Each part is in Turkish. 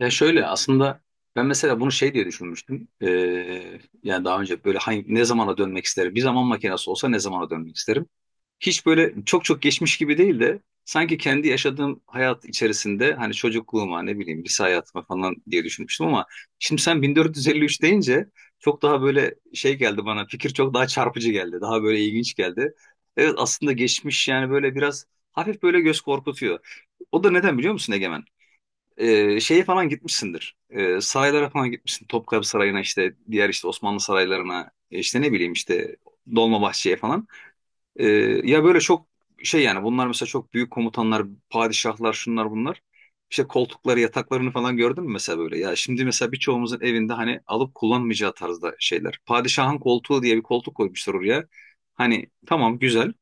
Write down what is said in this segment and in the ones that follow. Ya şöyle aslında ben mesela bunu şey diye düşünmüştüm. Yani daha önce böyle hangi, ne zamana dönmek isterim? Bir zaman makinesi olsa ne zamana dönmek isterim? Hiç böyle çok çok geçmiş gibi değil de sanki kendi yaşadığım hayat içerisinde hani çocukluğuma ne bileyim lise hayatıma falan diye düşünmüştüm ama şimdi sen 1453 deyince çok daha böyle şey geldi bana fikir, çok daha çarpıcı geldi. Daha böyle ilginç geldi. Evet, aslında geçmiş yani böyle biraz hafif böyle göz korkutuyor. O da neden biliyor musun, Egemen? Şeye falan gitmişsindir. Saraylara falan gitmişsin. Topkapı Sarayı'na, işte diğer işte Osmanlı saraylarına, işte ne bileyim, işte Dolmabahçe'ye falan. Ee, Ya böyle çok şey, yani bunlar mesela çok büyük komutanlar, padişahlar, şunlar bunlar. İşte koltukları, yataklarını falan gördün mü mesela böyle? Ya şimdi mesela birçoğumuzun evinde hani alıp kullanmayacağı tarzda şeyler. Padişahın koltuğu diye bir koltuk koymuşlar oraya. Hani tamam, güzel.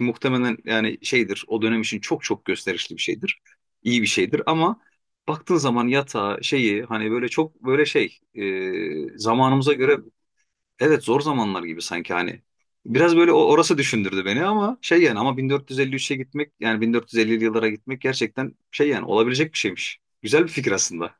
Muhtemelen yani şeydir, o dönem için çok çok gösterişli bir şeydir. İyi bir şeydir ama baktığın zaman yatağı şeyi, hani böyle çok böyle şey, zamanımıza göre, evet, zor zamanlar gibi sanki hani. Biraz böyle orası düşündürdü beni ama şey yani, ama 1453'e gitmek, yani 1450'li yıllara gitmek gerçekten şey yani, olabilecek bir şeymiş. Güzel bir fikir aslında.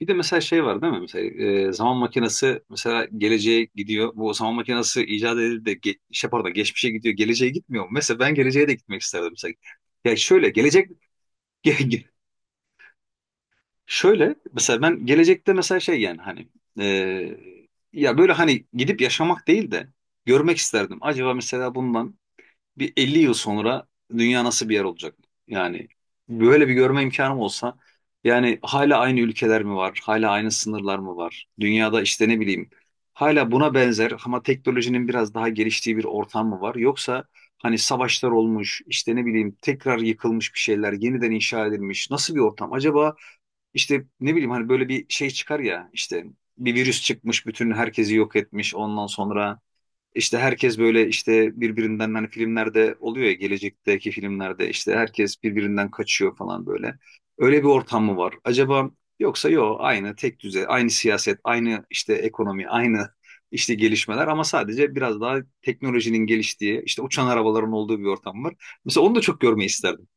Bir de mesela şey var, değil mi? Mesela zaman makinesi mesela geleceğe gidiyor. Bu zaman makinesi icat edildi de şey, pardon, geçmişe gidiyor. Geleceğe gitmiyor mu? Mesela ben geleceğe de gitmek isterdim mesela. Ya şöyle gelecek. ge- ge- Şöyle mesela, ben gelecekte mesela şey yani hani, e, ya böyle hani gidip yaşamak değil de görmek isterdim. Acaba mesela bundan bir 50 yıl sonra dünya nasıl bir yer olacak? Yani böyle bir görme imkanım olsa, yani hala aynı ülkeler mi var? Hala aynı sınırlar mı var? Dünyada işte ne bileyim, hala buna benzer ama teknolojinin biraz daha geliştiği bir ortam mı var? Yoksa hani savaşlar olmuş, işte ne bileyim, tekrar yıkılmış, bir şeyler yeniden inşa edilmiş, nasıl bir ortam? Acaba işte ne bileyim, hani böyle bir şey çıkar ya, işte bir virüs çıkmış, bütün herkesi yok etmiş, ondan sonra işte herkes böyle, işte birbirinden, hani filmlerde oluyor ya, gelecekteki filmlerde işte herkes birbirinden kaçıyor falan böyle. Öyle bir ortam mı var? Acaba yoksa yok, aynı tek düze, aynı siyaset, aynı işte ekonomi, aynı işte gelişmeler ama sadece biraz daha teknolojinin geliştiği, işte uçan arabaların olduğu bir ortam var. Mesela onu da çok görmeyi isterdim.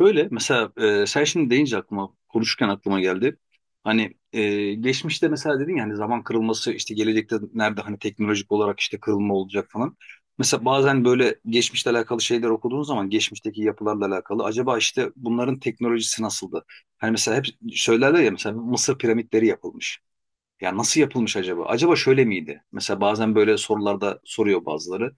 Böyle mesela, sen şimdi deyince aklıma, konuşurken aklıma geldi. Hani geçmişte mesela dedin ya, hani zaman kırılması, işte gelecekte nerede hani teknolojik olarak işte kırılma olacak falan. Mesela bazen böyle geçmişle alakalı şeyler okuduğun zaman, geçmişteki yapılarla alakalı, acaba işte bunların teknolojisi nasıldı? Hani mesela hep söylerler ya, mesela Mısır piramitleri yapılmış. Ya nasıl yapılmış acaba? Acaba şöyle miydi? Mesela bazen böyle sorularda soruyor bazıları.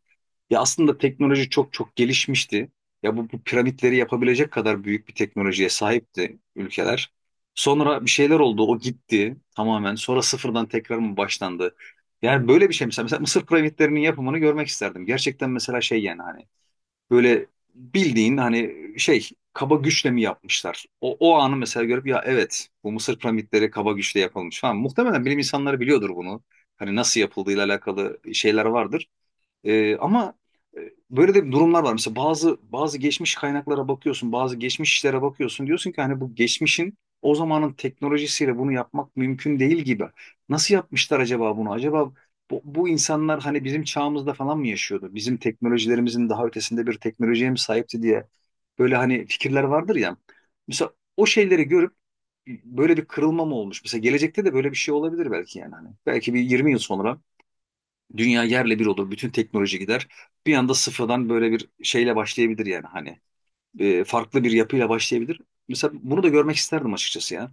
Ya aslında teknoloji çok çok gelişmişti. Ya bu piramitleri yapabilecek kadar büyük bir teknolojiye sahipti ülkeler. Sonra bir şeyler oldu, o gitti tamamen. Sonra sıfırdan tekrar mı başlandı? Yani böyle bir şey mesela, Mısır piramitlerinin yapımını görmek isterdim. Gerçekten mesela şey yani hani böyle, bildiğin hani şey, kaba güçle mi yapmışlar? O anı mesela görüp, ya evet, bu Mısır piramitleri kaba güçle yapılmış falan. Muhtemelen bilim insanları biliyordur bunu. Hani nasıl yapıldığıyla alakalı şeyler vardır. Ama e, böyle de durumlar var. Mesela bazı geçmiş kaynaklara bakıyorsun, bazı geçmiş işlere bakıyorsun. Diyorsun ki hani, bu geçmişin, o zamanın teknolojisiyle bunu yapmak mümkün değil gibi. Nasıl yapmışlar acaba bunu? Acaba bu insanlar hani bizim çağımızda falan mı yaşıyordu? Bizim teknolojilerimizin daha ötesinde bir teknolojiye mi sahipti diye böyle hani fikirler vardır ya. Mesela o şeyleri görüp, böyle bir kırılma mı olmuş? Mesela gelecekte de böyle bir şey olabilir belki yani hani. Belki bir 20 yıl sonra dünya yerle bir olur. Bütün teknoloji gider. Bir anda sıfırdan böyle bir şeyle başlayabilir yani hani. Farklı bir yapıyla başlayabilir. Mesela bunu da görmek isterdim açıkçası ya.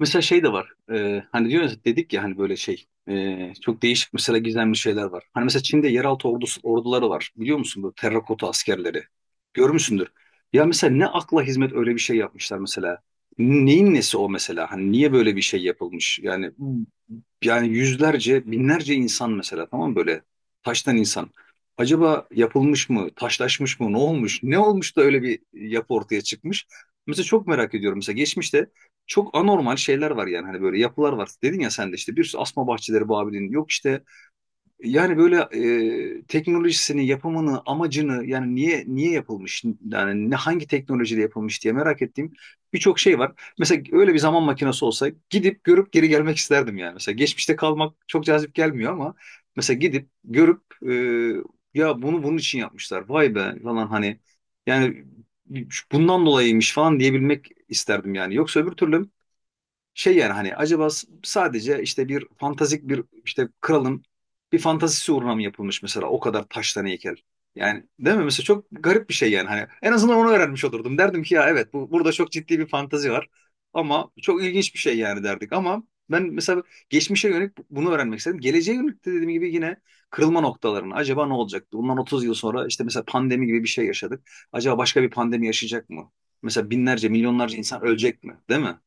Mesela şey de var. Hani diyoruz, dedik ya hani böyle şey, çok değişik mesela gizemli şeyler var. Hani mesela Çin'de yeraltı ordusu, orduları var. Biliyor musun bu terrakota askerleri? Görmüşsündür. Ya mesela ne akla hizmet öyle bir şey yapmışlar mesela. Neyin nesi o mesela? Hani niye böyle bir şey yapılmış? Yani yüzlerce, binlerce insan mesela, tamam mı? Böyle taştan insan. Acaba yapılmış mı, taşlaşmış mı, ne olmuş, ne olmuş da öyle bir yapı ortaya çıkmış? Mesela çok merak ediyorum. Mesela geçmişte çok anormal şeyler var yani hani, böyle yapılar var. Dedin ya sen de, işte bir sürü, asma bahçeleri Babil'in, yok işte, yani böyle teknolojisini, yapımını, amacını, yani niye niye yapılmış, yani ne, hangi teknolojide yapılmış diye merak ettiğim birçok şey var. Mesela öyle bir zaman makinesi olsa gidip görüp geri gelmek isterdim yani. Mesela geçmişte kalmak çok cazip gelmiyor ama mesela gidip görüp ya bunu bunun için yapmışlar. Vay be falan, hani yani bundan dolayıymış falan diyebilmek isterdim yani. Yoksa öbür türlü şey yani hani, acaba sadece işte bir fantastik bir, işte kralın bir fantazisi uğruna mı yapılmış mesela o kadar taştan heykel. Yani değil mi? Mesela çok garip bir şey yani hani, en azından onu öğrenmiş olurdum. Derdim ki ya evet, bu burada çok ciddi bir fantazi var ama çok ilginç bir şey yani, derdik ama ben mesela geçmişe yönelik bunu öğrenmek istedim. Geleceğe yönelik de, dediğim gibi, yine kırılma noktalarını, acaba ne olacaktı? Bundan 30 yıl sonra işte mesela pandemi gibi bir şey yaşadık. Acaba başka bir pandemi yaşayacak mı? Mesela binlerce, milyonlarca insan ölecek mi? Değil mi?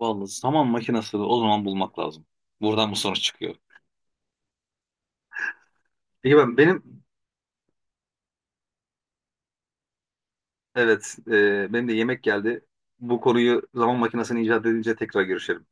Vallahi zaman makinasını o zaman bulmak lazım. Buradan bu sonuç çıkıyor. Peki ben, evet, benim de yemek geldi. Bu konuyu, zaman makinesini icat edince tekrar görüşelim.